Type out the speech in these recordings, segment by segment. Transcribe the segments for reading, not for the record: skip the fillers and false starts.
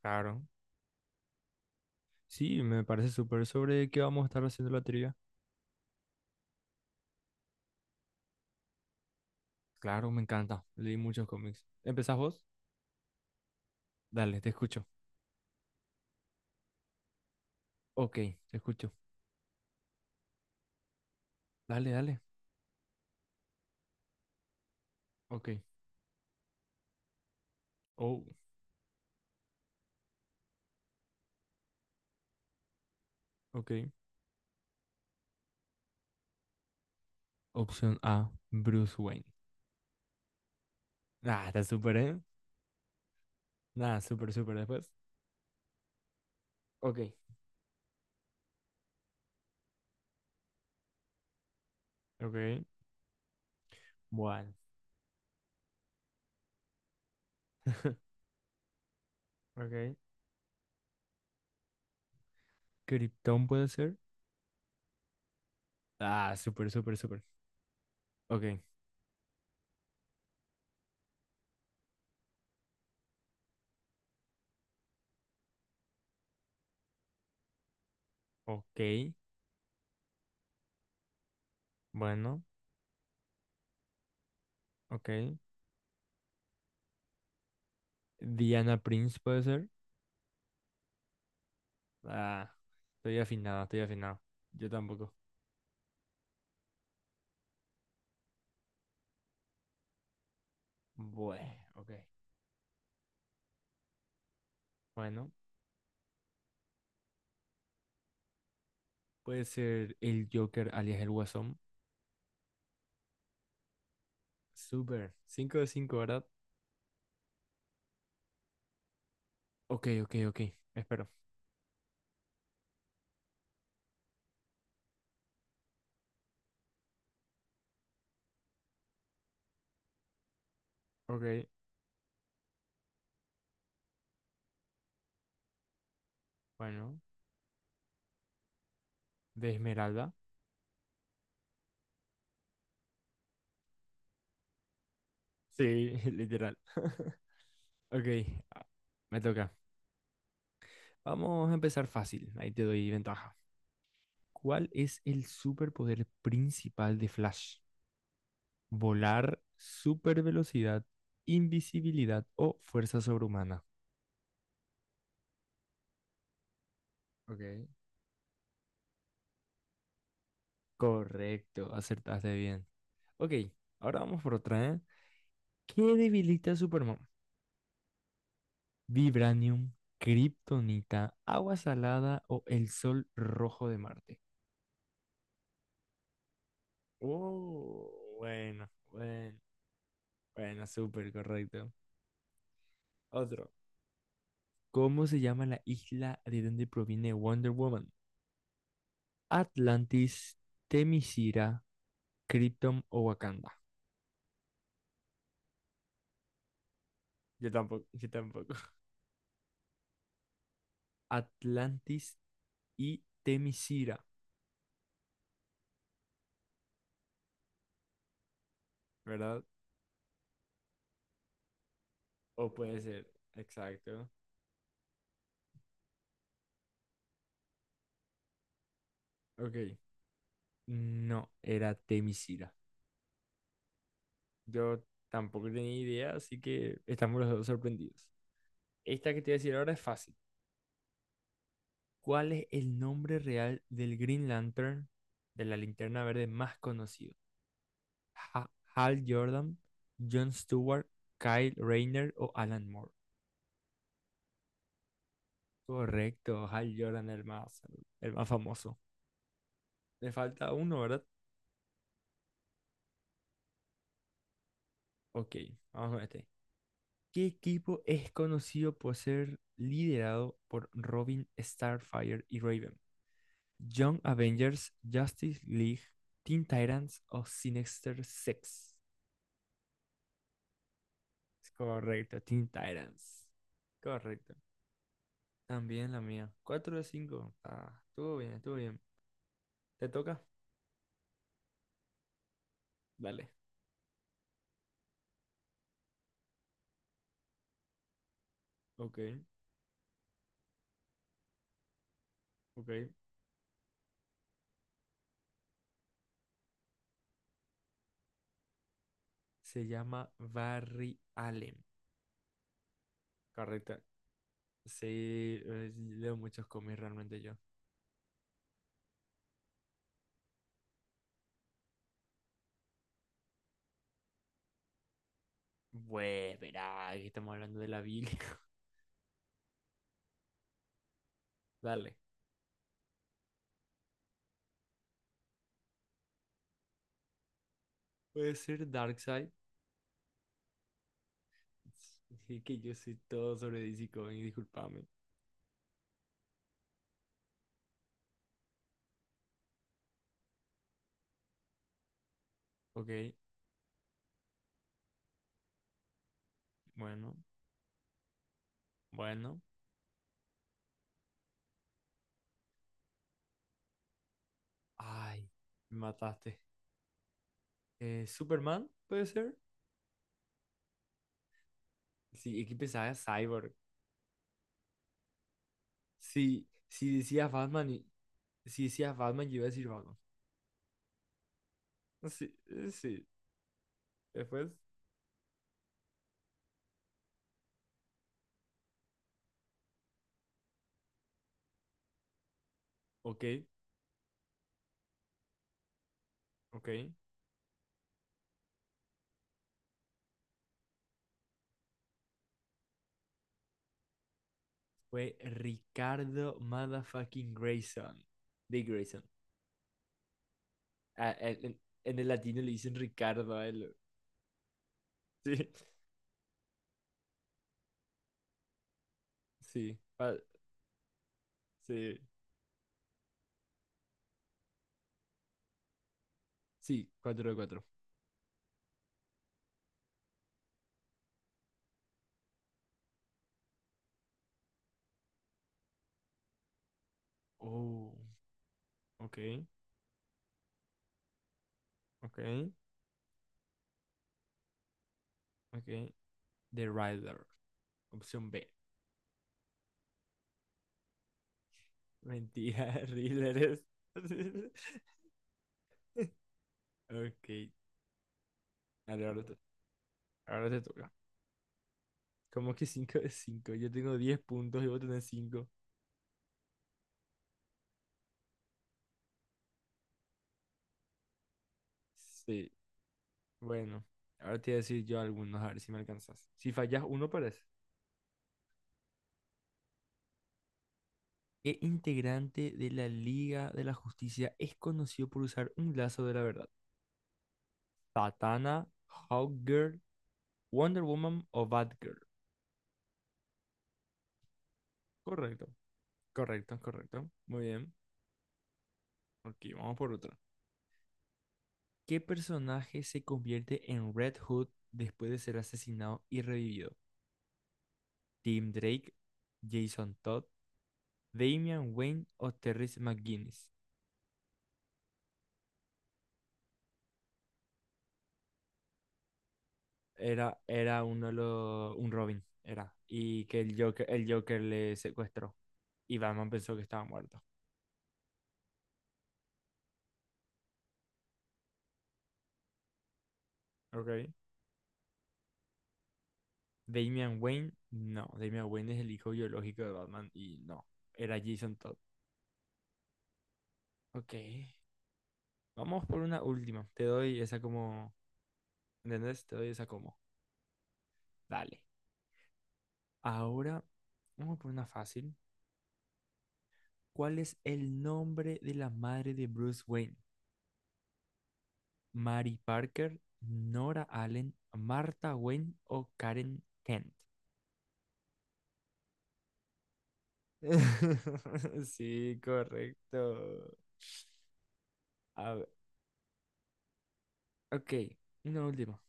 Claro, sí, me parece súper. ¿Sobre qué vamos a estar haciendo la trivia? Claro, me encanta. Leí muchos cómics. ¿Empezás vos? Dale, te escucho. Ok, te escucho. Dale, dale. Ok. Oh, ok. Opción A, Bruce Wayne. Ah, está súper, ¿eh? Nada, súper, súper después. Ok. Ok, bueno. Ok. Krypton puede ser. Ah, súper, súper, súper. Ok. Ok. Bueno, ok. Diana Prince puede ser. Ah, estoy afinado, estoy afinado. Yo tampoco. Bueno, ok. Bueno, puede ser el Joker alias el Guasón. Súper. ¿Cinco de cinco, verdad? Ok, ok, ok. Espero. Ok, bueno. De esmeralda. Sí, literal. Ok, ah, me toca. Vamos a empezar fácil. Ahí te doy ventaja. ¿Cuál es el superpoder principal de Flash? ¿Volar, supervelocidad, invisibilidad o fuerza sobrehumana? Ok. Correcto, acertaste bien. Ok, ahora vamos por otra, ¿eh? ¿Qué debilita a Superman? ¿Vibranium, kryptonita, agua salada o el sol rojo de Marte? Oh, bueno, bueno, bueno, súper correcto. Otro. ¿Cómo se llama la isla de donde proviene Wonder Woman? ¿Atlantis, Temisira, Krypton o Wakanda? Yo tampoco, yo tampoco. Atlantis y Temisira, ¿verdad? O puede ser, exacto. Ok. No, era Temisira. Yo tampoco tenía idea, así que estamos los dos sorprendidos. Esta que te voy a decir ahora es fácil. ¿Cuál es el nombre real del Green Lantern, de la linterna verde más conocido? Ha- ¿Hal Jordan, John Stewart, Kyle Rayner o Alan Moore? Correcto, Hal Jordan, el más famoso. Le falta uno, ¿verdad? Ok, vamos con este. ¿Qué equipo es conocido por ser liderado por Robin, Starfire y Raven? ¿Young Avengers, Justice League, Teen Titans o Sinister Six? Correcto, Teen Titans. Correcto. También la mía. 4 de 5. Ah, estuvo bien, estuvo bien. ¿Te toca? Dale. Ok, ok. Se llama Barry Allen. Correcto. Sí, leo muchos cómics realmente yo. Bueno, verá, aquí estamos hablando de la Biblia. Dale. Puede ser Darkseid. Sí, que yo sé todo sobre DC Comics, discúlpame. Ok, bueno, bueno. Ay, me mataste. ¿Superman puede ser? Sí, es que pensaba en Cyborg. Sí, si decías Batman. Si decías Batman, yo iba a decir Batman. Sí, sí. Después, ok, ok. Fue Ricardo Motherfucking Grayson. De Grayson. Ah, en el latino le dicen Ricardo a él. Sí, sí. Sí, sí, 4 de 4. Oh, ok, ok, ok. The Rider. Opción B. Mentira, Riddler es. Ok. Dale, ahora te toca. ¿Cómo que cinco de cinco? Yo tengo 10 puntos y vos tenés cinco. Sí. Bueno, ahora te voy a decir yo algunos, a ver si me alcanzas. Si fallas uno, parece. ¿Qué integrante de la Liga de la Justicia es conocido por usar un lazo de la verdad? ¿Satana, Hawkgirl, Wonder Woman o Batgirl? Correcto, correcto, correcto. Muy bien. Aquí vamos por otra. ¿Qué personaje se convierte en Red Hood después de ser asesinado y revivido? ¿Tim Drake, Jason Todd, Damian Wayne o Terrence McGuinness? Era uno de los, un Robin, era. Y que el Joker le secuestró. Y Batman pensó que estaba muerto. Ok. Damian Wayne, no. Damian Wayne es el hijo biológico de Batman y no. Era Jason Todd. Ok. Vamos por una última. Te doy esa como, ¿entendés? Te doy esa como. Dale. Ahora, vamos por una fácil. ¿Cuál es el nombre de la madre de Bruce Wayne? ¿Mary Parker, Nora Allen, Martha Wayne o Karen Kent? Sí, correcto. A ver, ok, una última.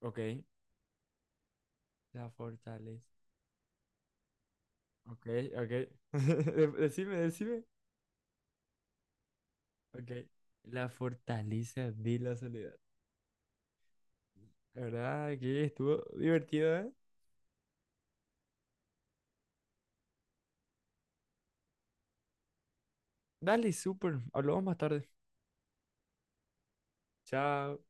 Ok, la fortaleza. Ok, ok. Decime, decime. Ok. La fortaleza de la soledad. La verdad que estuvo divertido, ¿eh? Dale, súper. Hablamos más tarde. Chao.